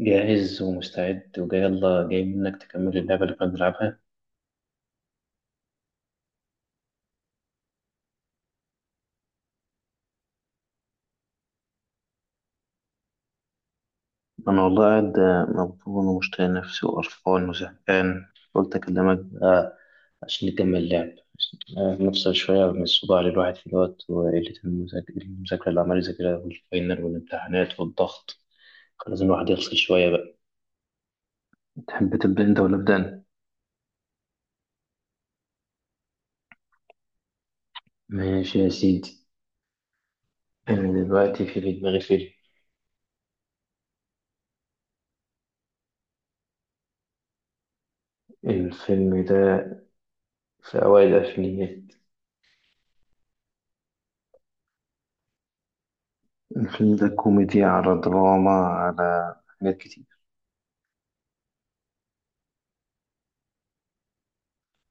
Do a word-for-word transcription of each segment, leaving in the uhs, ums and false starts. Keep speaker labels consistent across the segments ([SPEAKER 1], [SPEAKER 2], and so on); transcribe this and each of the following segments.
[SPEAKER 1] جاهز ومستعد وجاي، يلا جاي منك تكمل اللعبة اللي كنا بنلعبها. انا والله قاعد مبطون ومشتاق نفسي وقرفان وزهقان. قلت اكلمك آه عشان نكمل اللعب. آه نفصل شوية من الصداع اللي الواحد فيه دوت وقلة المذاك- المذاكرة اللي عمال يذاكرها والفاينل والامتحانات والضغط. كان لازم الواحد يفصل شوية بقى. تحب تبدا انت ولا ابدا انا؟ ماشي يا سيدي. أنا دلوقتي في في دماغي فيلم. الفيلم ده في أوائل الألفينيات. الفيلم ده كوميديا على دراما على حاجات كتير.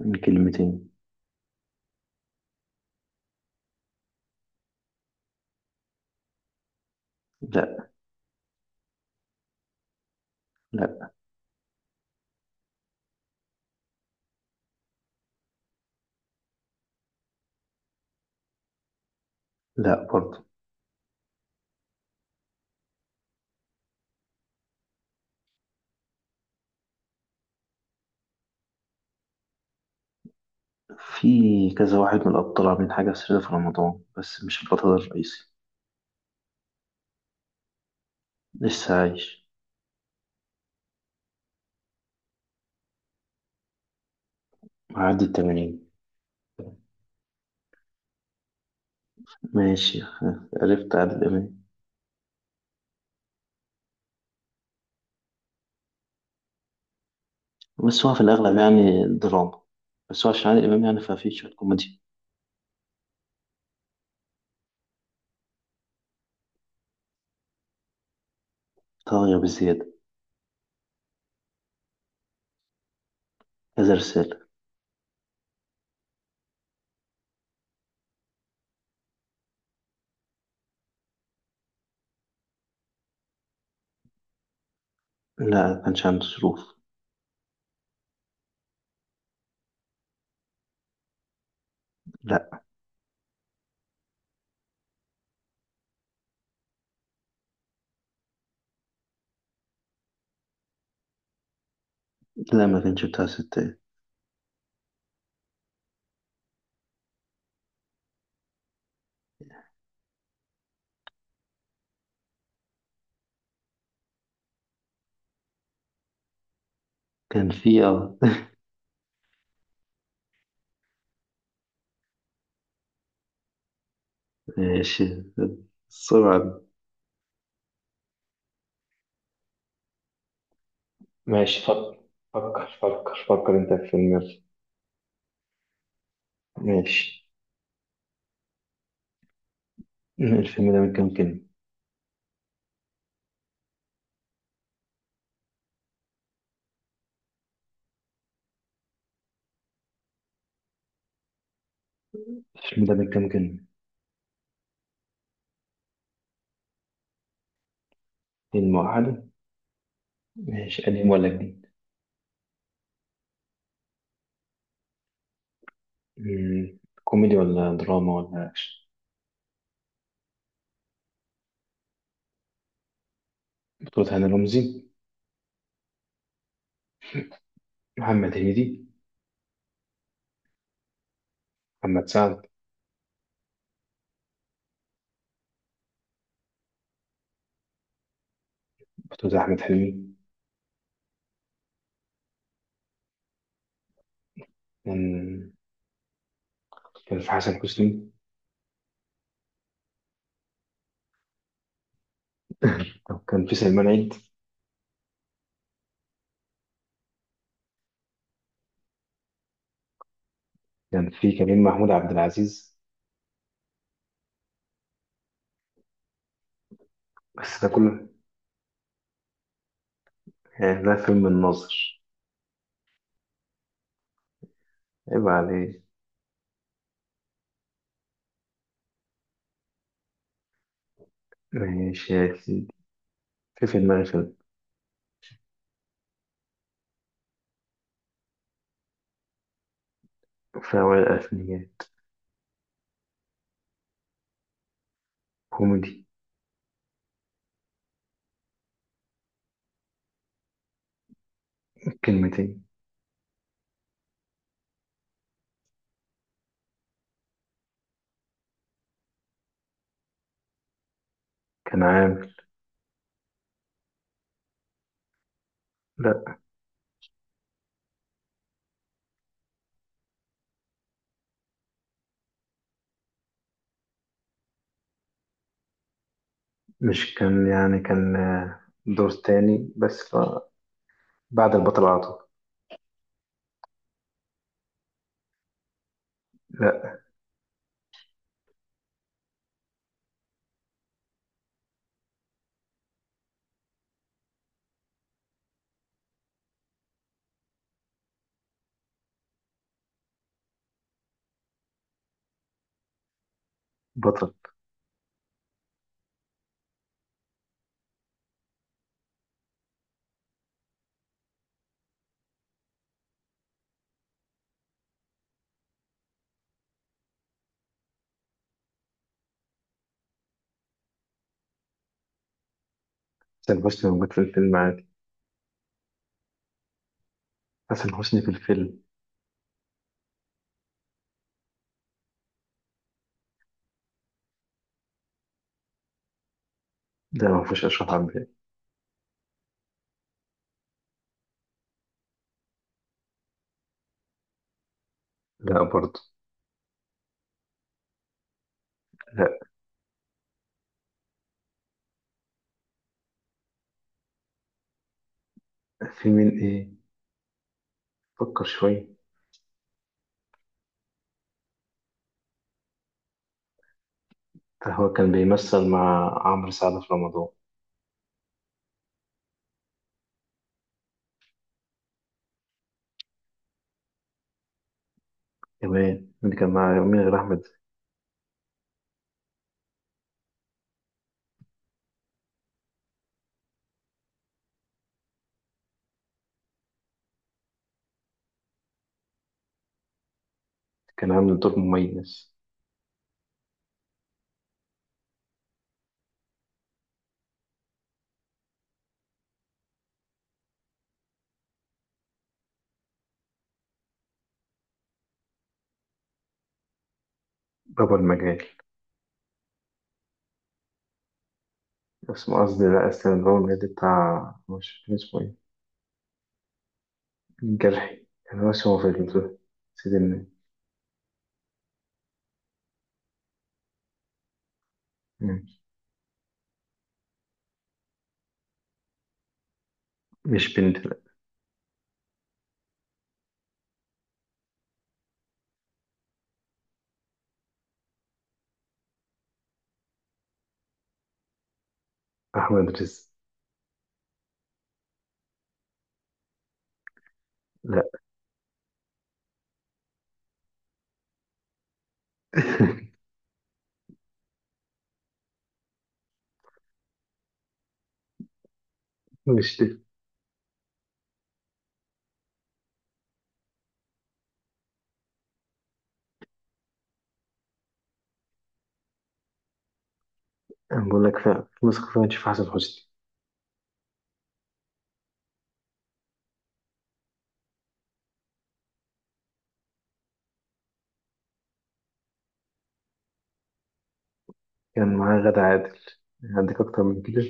[SPEAKER 1] من كلمتين. لا. لا. لا برضه. في كذا واحد من الأبطال عاملين حاجة سرية في رمضان، بس مش البطل الرئيسي. لسه عايش. معدي التمانين. ماشي. عرفت عادل إمام. بس هو في الأغلب يعني دراما، بس هو عشان عادل إمام يعني ففي شوية كوميديا. طاغية بزيادة. كذا رسالة. لا، ما كانش عنده ظروف. لا. لا، ما كانش بتاع ستات. كان في اه ماشي. السرعة. ماشي فكر. فكر فكر فكر انت في الفيلم، يلا. ماشي، الفيلم ده من كام كلمة؟ الفيلم ده من كام كلمة؟ كلمة واحدة. ماشي، قديم ولا جديد؟ مم، كوميدي ولا دراما ولا أكشن؟ بطولة هاني رمزي؟ محمد هنيدي؟ محمد سعد؟ بطولة أحمد حلمي؟ كان. كان في حسن حسني. أو كان في سلمان عيد. كان في كريم محمود عبد العزيز. بس ده كله يعني ده فيلم الناظر. عيب عليه. ماشي يا سيدي، في في دماغي فيلم. في أوائل الألفينيات. كوميدي. كلمتين. كان عامل. لا، مش كان يعني كان آه، دور تاني بس ف- بعد البطل على طول. لا. بطل. حسن حسني موجود في الفيلم عادي. حسن حسني في الفيلم. ده ما فيهوش أشرف عبد الباقي. لا برضه. لا. في مين إيه؟ فكر شوية. ده هو كان بيمثل مع عمرو سعد في رمضان. كمان اللي كان مع مين غير أحمد؟ كان عامل دور مميز. بابا المجال. اسمه قصدي، لا، اسمه بابا المجال بتاع، مش فاكر اسمه إيه. جرحي. أنا ما أشوفه في المثل. سيدنا. مم. مش بنت، لا. أحمد رزق. لا. مش دي. أنا بقول لك فعلا، في نسخة فعلا تشوف حسن حسني. كان معاه غادة عادل. عندك أكتر من كده؟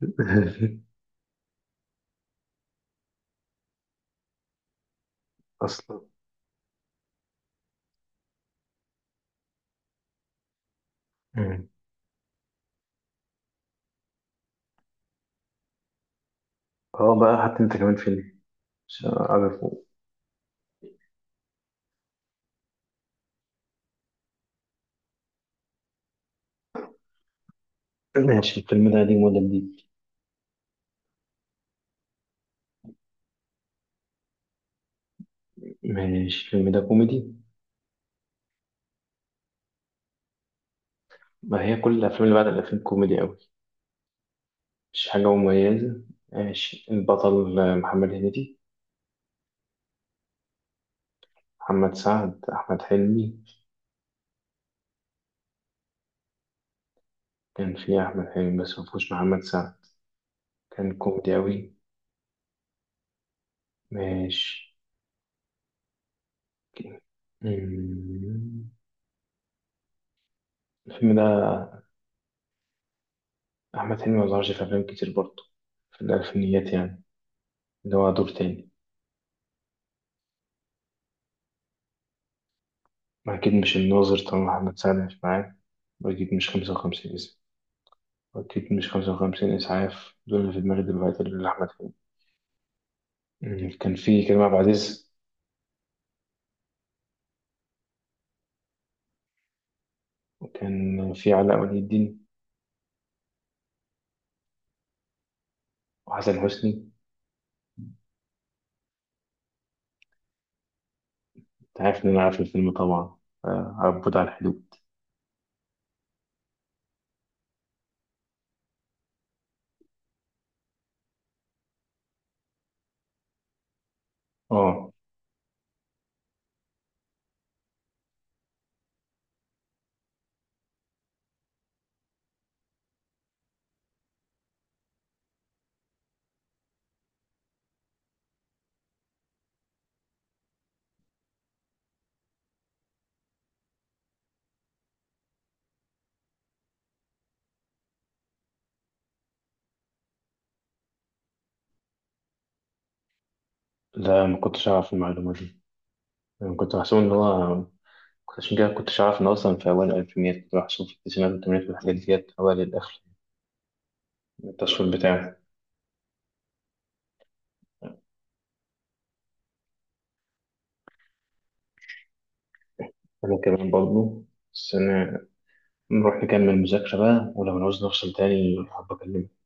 [SPEAKER 1] أصلا. مم. أه بقى، حتى أنت كمان فيلم عشان أعرفه. ماشي، الفيلم ده قديم ولا جديد؟ ماشي، الفيلم ده كوميدي؟ ما هي كل الأفلام اللي بعد الأفلام كوميدي أوي، مش حاجة مميزة. ماشي، البطل آه، محمد هنيدي؟ محمد سعد، أحمد حلمي؟ كان في أحمد حلمي بس مفهوش محمد سعد. كان كوميدي أوي. ماشي. مم. الفيلم ده. أحمد حلمي مظهرش في أفلام كتير برضه في الألفينيات يعني، اللي هو دور تاني. أكيد مش الناظر طالما محمد سعد مش معاه. وأكيد مش خمسة وخمسين إسعاف. وأكيد مش خمسة وخمسين إسعاف، دول اللي في دماغي دلوقتي اللي أحمد حلمي. مم. كان في كريم عبد العزيز. وكان في علاء ولي الدين وحسن حسني. أنت عارف إن أنا عارف الفيلم طبعا، آه، عبود على الحدود. اه. لا، ما كنتش أعرف المعلومة دي. أنا كنت بحسب إن هو كنت- عشان كده كنتش أعرف إن أصلا في أوائل الألفينيات، كنت بحسب في التسعينات والثمانينات والحاجات ديت أوائل الآخر. التصوير بتاعه. أنا كمان برضه. بس أنا نروح نكمل مذاكرة بقى، ولو نعوز نفصل تاني حابة أكلمك.